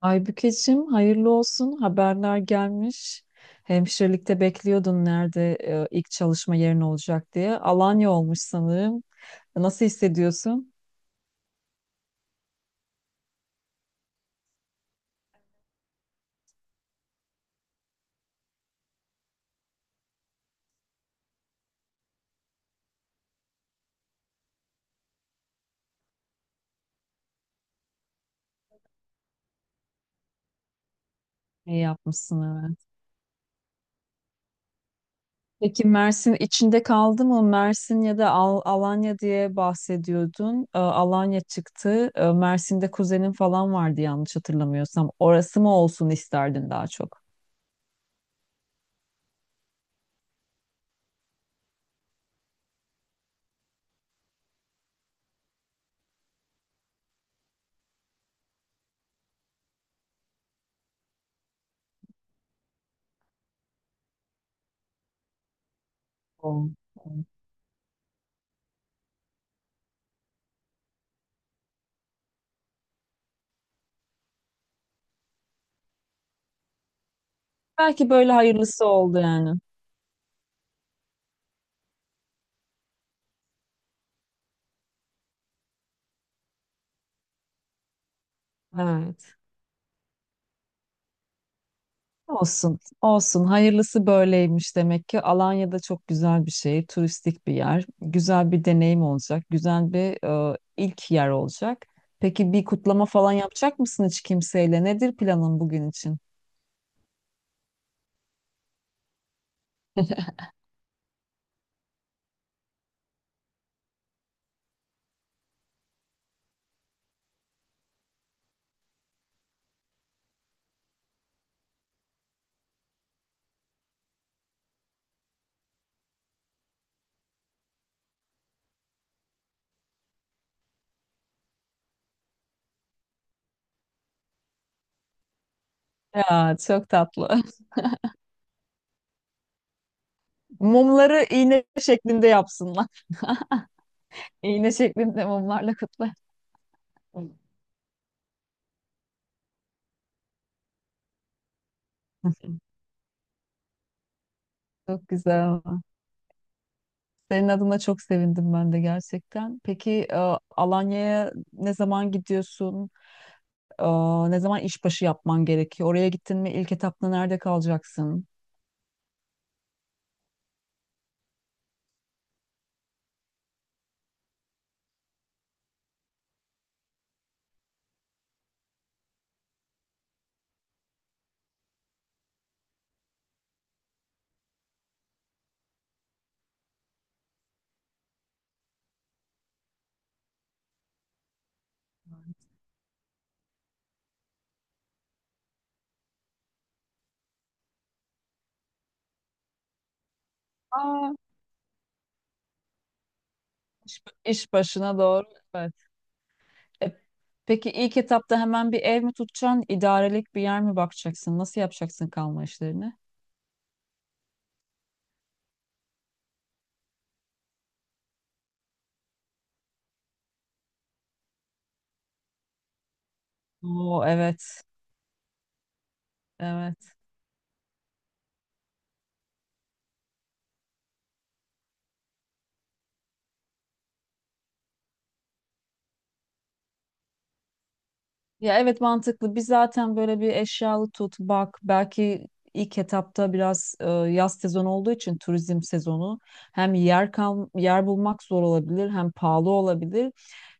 Aybükeciğim hayırlı olsun, haberler gelmiş. Hemşirelikte bekliyordun nerede ilk çalışma yerin olacak diye. Alanya olmuş sanırım. Nasıl hissediyorsun? İyi yapmışsın, evet. Peki Mersin içinde kaldı mı? Mersin ya da Alanya diye bahsediyordun. Alanya çıktı. Mersin'de kuzenin falan vardı yanlış hatırlamıyorsam. Orası mı olsun isterdin daha çok? O- o. Belki böyle hayırlısı oldu yani. Evet. Olsun, olsun. Hayırlısı böyleymiş demek ki. Alanya'da çok güzel bir şey, turistik bir yer. Güzel bir deneyim olacak, güzel bir ilk yer olacak. Peki bir kutlama falan yapacak mısın hiç kimseyle? Nedir planın bugün için? Ya çok tatlı. Mumları iğne şeklinde yapsınlar. İğne şeklinde mumlarla kutla. Çok güzel. Senin adına çok sevindim ben de gerçekten. Peki Alanya'ya ne zaman gidiyorsun? Aa, ne zaman işbaşı yapman gerekiyor? Oraya gittin mi, ilk etapta nerede kalacaksın? Aa, iş başına doğru. Evet. E, peki ilk etapta hemen bir ev mi tutacaksın? İdarelik bir yer mi bakacaksın? Nasıl yapacaksın kalma işlerini? Oo, evet. Evet. Ya evet, mantıklı. Biz zaten böyle bir eşyalı tut, bak. Belki ilk etapta biraz yaz sezonu olduğu için, turizm sezonu hem yer bulmak zor olabilir hem pahalı olabilir.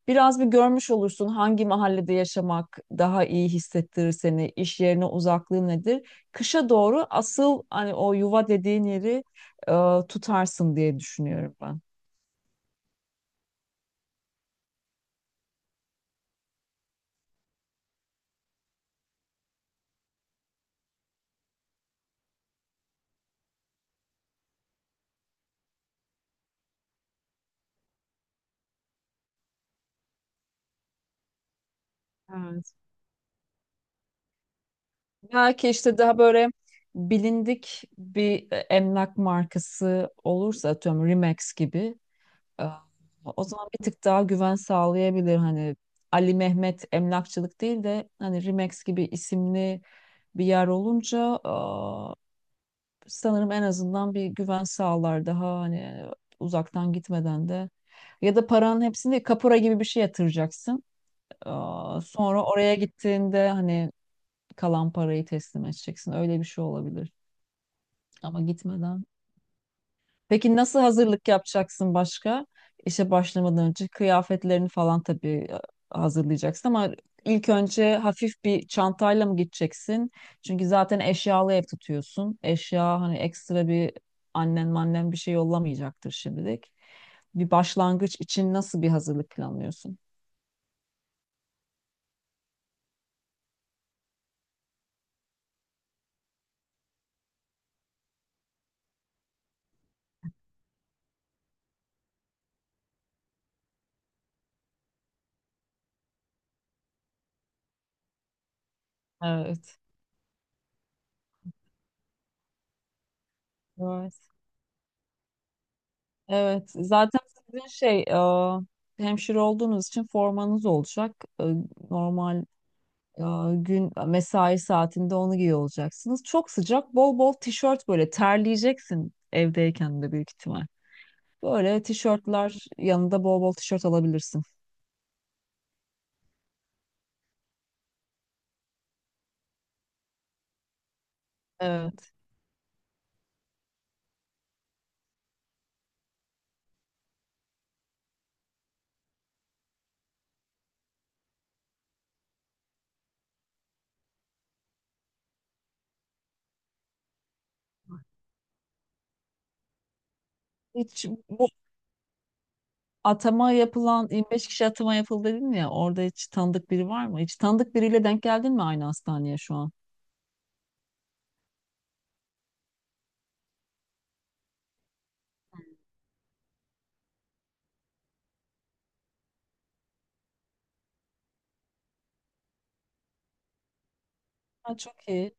Biraz bir görmüş olursun hangi mahallede yaşamak daha iyi hissettirir seni, iş yerine uzaklığı nedir. Kışa doğru asıl, hani o yuva dediğin yeri tutarsın diye düşünüyorum ben. Evet. Belki işte daha böyle bilindik bir emlak markası olursa, atıyorum Remax gibi, e, o zaman bir tık daha güven sağlayabilir. Hani Ali Mehmet emlakçılık değil de hani Remax gibi isimli bir yer olunca sanırım en azından bir güven sağlar daha, hani uzaktan gitmeden de. Ya da paranın hepsini kapora gibi bir şey yatıracaksın. Aa, sonra oraya gittiğinde hani kalan parayı teslim edeceksin. Öyle bir şey olabilir. Ama gitmeden. Peki nasıl hazırlık yapacaksın başka? İşe başlamadan önce kıyafetlerini falan tabii hazırlayacaksın ama ilk önce hafif bir çantayla mı gideceksin? Çünkü zaten eşyalı ev tutuyorsun. Eşya hani ekstra bir, annen mannen bir şey yollamayacaktır şimdilik. Bir başlangıç için nasıl bir hazırlık planlıyorsun? Evet. Evet. Evet. Zaten sizin şey, hemşire olduğunuz için formanız olacak. Normal. Ya gün mesai saatinde onu giyiyor olacaksınız. Çok sıcak, bol bol tişört, böyle terleyeceksin evdeyken de büyük ihtimal. Böyle tişörtler, yanında bol bol tişört alabilirsin. Evet. Hiç bu atama yapılan 25 kişi atama yapıldı dedin ya, orada hiç tanıdık biri var mı? Hiç tanıdık biriyle denk geldin mi aynı hastaneye şu an? Ha, çok iyi.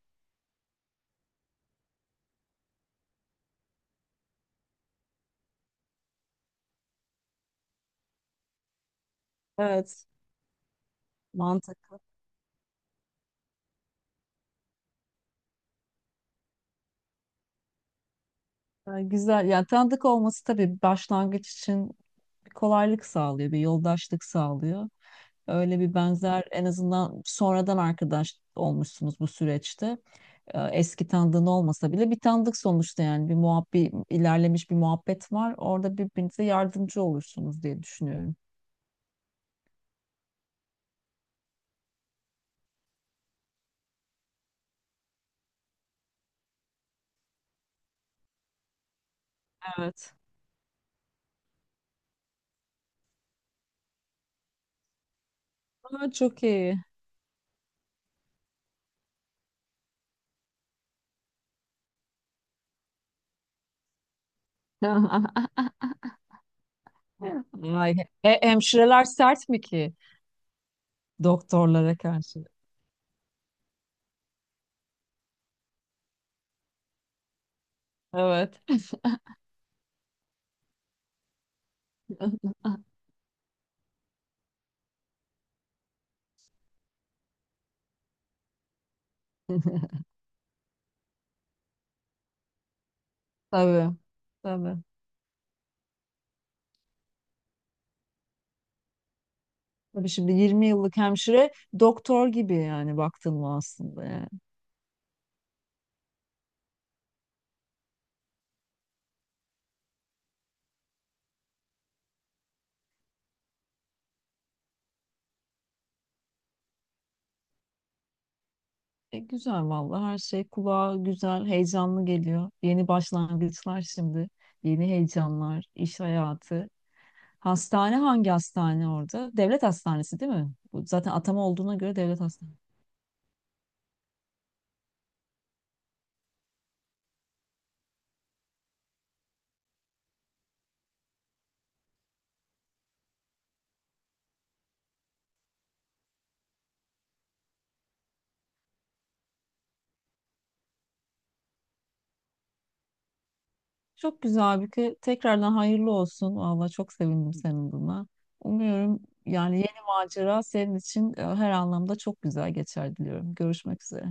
Evet. Mantıklı. Yani güzel. Yani tanıdık olması tabii başlangıç için bir kolaylık sağlıyor, bir yoldaşlık sağlıyor. Öyle bir benzer, en azından sonradan arkadaş olmuşsunuz bu süreçte. Eski tanıdığın olmasa bile bir tanıdık sonuçta yani, bir muhabbet ilerlemiş, bir muhabbet var. Orada birbirinize yardımcı olursunuz diye düşünüyorum. Evet. Aa, çok iyi. Ay, hemşireler sert mi ki doktorlara karşı? Evet. Tabii. Tabii. Tabii, şimdi 20 yıllık hemşire doktor gibi yani, baktın mı aslında yani. Güzel vallahi, her şey kulağa güzel, heyecanlı geliyor. Yeni başlangıçlar şimdi. Yeni heyecanlar, iş hayatı. Hastane hangi hastane orada? Devlet hastanesi değil mi? Bu zaten atama olduğuna göre devlet hastanesi. Çok güzel Aybüke. Tekrardan hayırlı olsun. Valla çok sevindim senin buna. Umuyorum yani yeni macera senin için her anlamda çok güzel geçer diliyorum. Görüşmek üzere.